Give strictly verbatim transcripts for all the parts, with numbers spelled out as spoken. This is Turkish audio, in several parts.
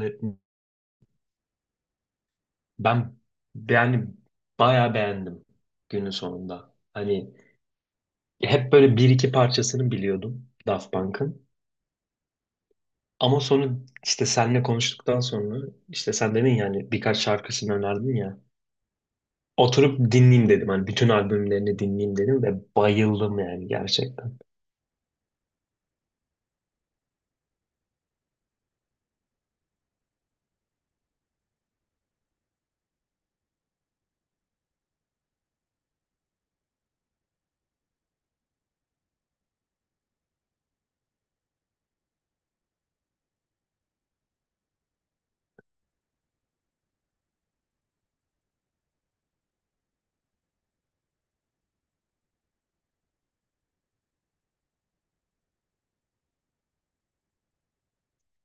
Evet, Ben yani bayağı beğendim günün sonunda. Hani hep böyle bir iki parçasını biliyordum Daft Punk'ın. Ama sonra işte seninle konuştuktan sonra işte sen dedin yani birkaç şarkısını önerdin ya. Oturup dinleyeyim dedim. Hani bütün albümlerini dinleyeyim dedim ve bayıldım yani gerçekten.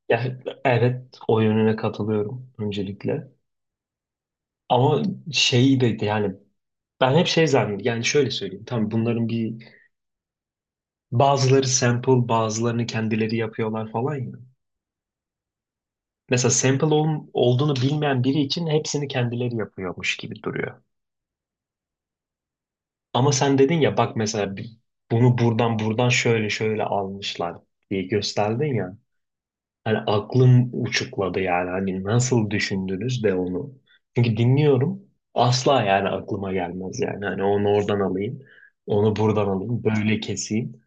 Yani evet, o yönüne katılıyorum öncelikle. Ama şeyi de yani ben hep şey zannediyorum. Yani şöyle söyleyeyim. Tamam, bunların bir bazıları sample, bazılarını kendileri yapıyorlar falan ya. Mesela sample ol- olduğunu bilmeyen biri için hepsini kendileri yapıyormuş gibi duruyor. Ama sen dedin ya, bak mesela bi- bunu buradan buradan şöyle şöyle almışlar diye gösterdin ya. Hani aklım uçukladı yani, hani nasıl düşündünüz de onu. Çünkü dinliyorum, asla yani aklıma gelmez yani. Hani onu oradan alayım, onu buradan alayım, böyle keseyim.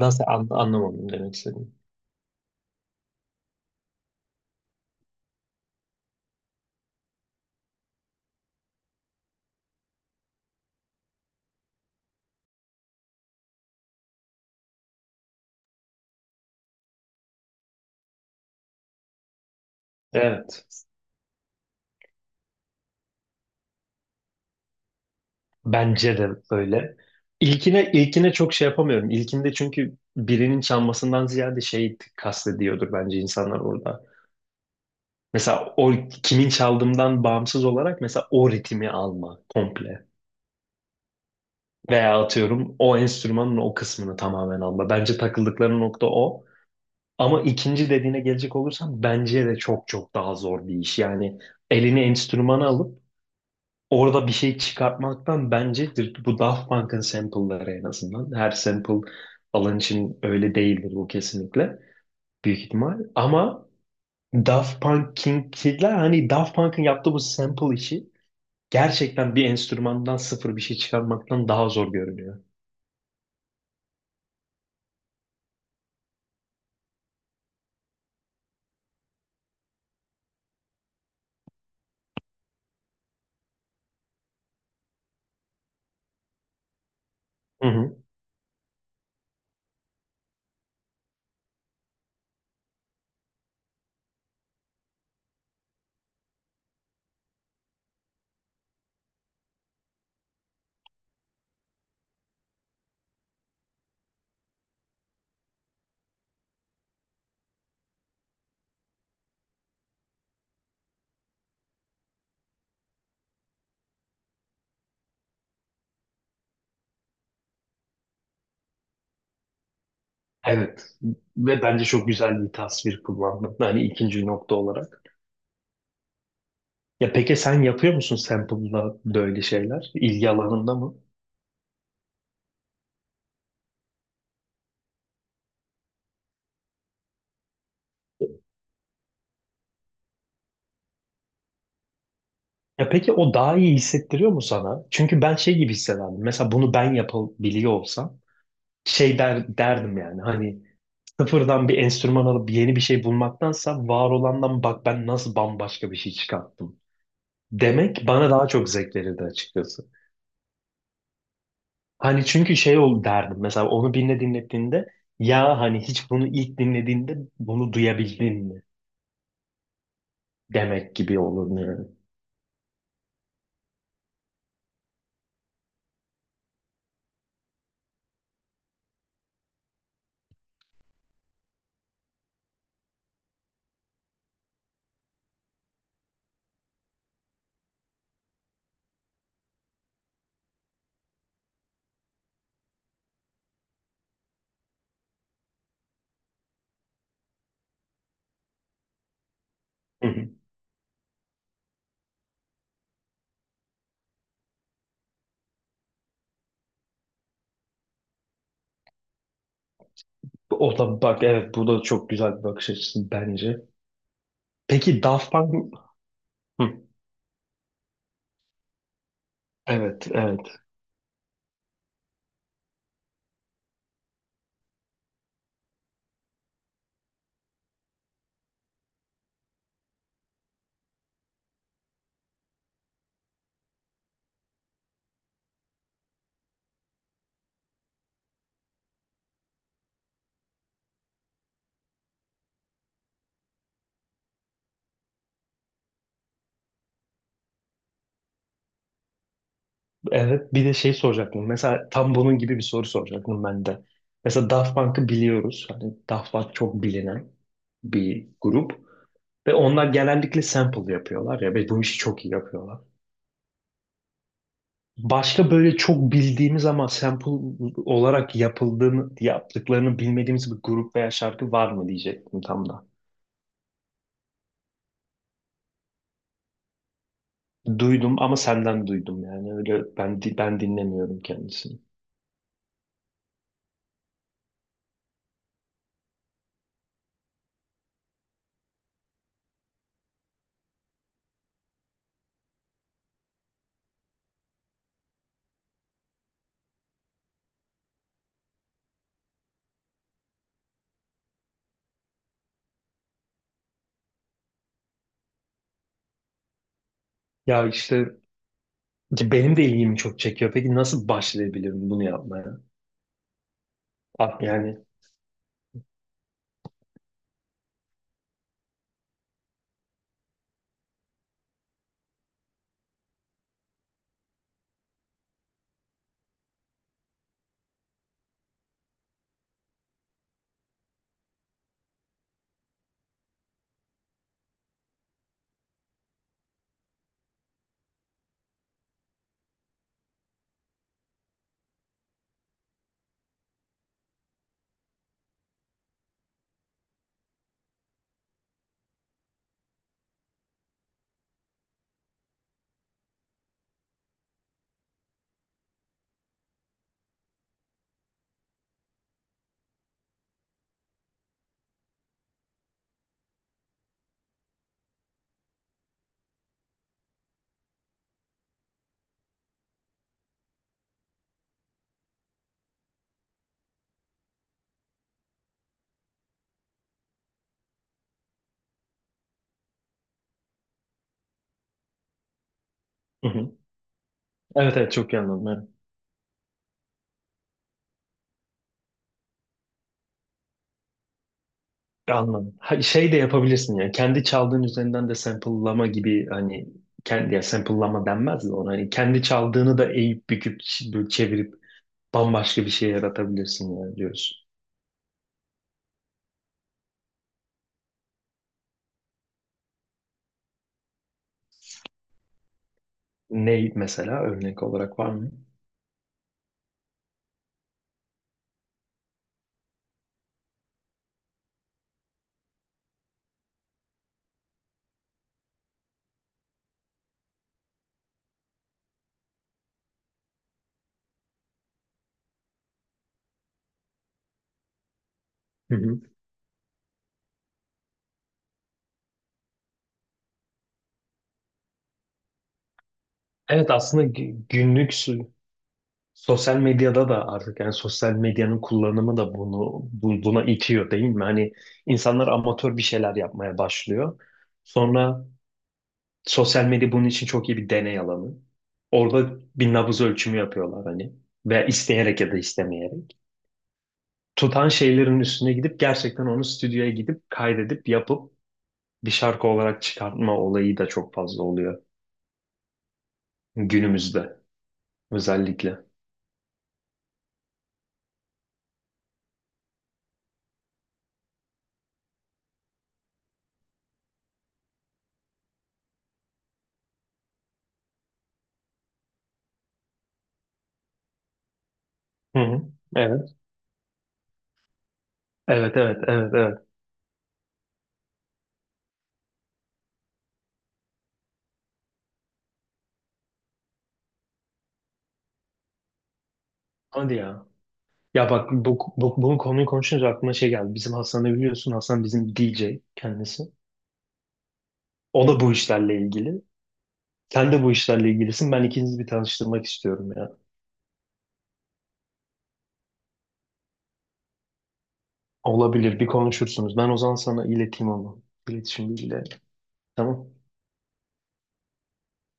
Nasıl an- anlamadım demek istedim. Evet. Bence de öyle. İlkine, ilkine çok şey yapamıyorum. İlkinde çünkü birinin çalmasından ziyade şey kastediyordur bence insanlar orada. Mesela o kimin çaldığından bağımsız olarak mesela o ritmi alma komple. Veya atıyorum o enstrümanın o kısmını tamamen alma. Bence takıldıkları nokta o. Ama ikinci dediğine gelecek olursam bence de çok çok daha zor bir iş. Yani elini enstrümana alıp orada bir şey çıkartmaktan bence bu Daft Punk'ın sample'ları en azından. Her sample alan için öyle değildir bu kesinlikle. Büyük ihtimal. Ama Daft Punk'inkiler, hani Daft Punk'ın yaptığı bu sample işi gerçekten bir enstrümandan sıfır bir şey çıkarmaktan daha zor görünüyor. Hı hı. Evet. Ve bence çok güzel bir tasvir kullandım. Hani ikinci nokta olarak. Ya peki sen yapıyor musun sample'la böyle şeyler? İlgi alanında mı? Ya peki o daha iyi hissettiriyor mu sana? Çünkü ben şey gibi hissederdim. Mesela bunu ben yapabiliyor olsam şey der, derdim yani hani sıfırdan bir enstrüman alıp yeni bir şey bulmaktansa var olandan bak ben nasıl bambaşka bir şey çıkarttım demek bana daha çok zevk verirdi açıkçası. Hani çünkü şey ol derdim mesela onu birine dinlettiğinde, ya hani hiç bunu ilk dinlediğinde bunu duyabildin mi demek gibi olur yani. Hı hı. O da, bak, evet, bu da çok güzel bir bakış açısı bence. Peki Daft Punk. Hı. Evet, evet. Evet, bir de şey soracaktım. Mesela tam bunun gibi bir soru soracaktım ben de. Mesela Daft Punk'ı biliyoruz. Hani Daft Punk çok bilinen bir grup. Ve onlar genellikle sample yapıyorlar ya ve bu işi çok iyi yapıyorlar. Başka böyle çok bildiğimiz ama sample olarak yapıldığını, yaptıklarını bilmediğimiz bir grup veya şarkı var mı diyecektim tam da. Duydum ama senden duydum yani, öyle ben ben dinlemiyorum kendisini. Ya işte ki benim de ilgimi çok çekiyor. Peki nasıl başlayabilirim bunu yapmaya? Ah, yani. Hı hı. Evet, evet, çok iyi anladım. Evet. Anladım. Ha, şey de yapabilirsin yani kendi çaldığın üzerinden de sample'lama gibi, hani kendi, ya sample'lama denmez de ona. Hani kendi çaldığını da eğip büküp ç- böyle çevirip bambaşka bir şey yaratabilirsin yani diyorsun. Ne mesela, örnek olarak var mı? Hı hı. Evet, aslında gü- günlük su- sosyal medyada da artık, yani sosyal medyanın kullanımı da bunu bu- buna itiyor değil mi? Hani insanlar amatör bir şeyler yapmaya başlıyor. Sonra sosyal medya bunun için çok iyi bir deney alanı. Orada bir nabız ölçümü yapıyorlar hani, veya isteyerek ya da istemeyerek. Tutan şeylerin üstüne gidip gerçekten onu stüdyoya gidip kaydedip yapıp bir şarkı olarak çıkartma olayı da çok fazla oluyor günümüzde özellikle. Hı hı. Evet. Evet, evet, evet, evet. Hadi ya. Ya bak, bu, bu, bunun konuyu konuşunca aklıma şey geldi. Bizim Hasan'ı biliyorsun. Hasan bizim D J kendisi. O da bu işlerle ilgili. Sen de bu işlerle ilgilisin. Ben ikinizi bir tanıştırmak istiyorum ya. Olabilir. Bir konuşursunuz. Ben o zaman sana ileteyim onu. İletişim bilgileri. Tamam.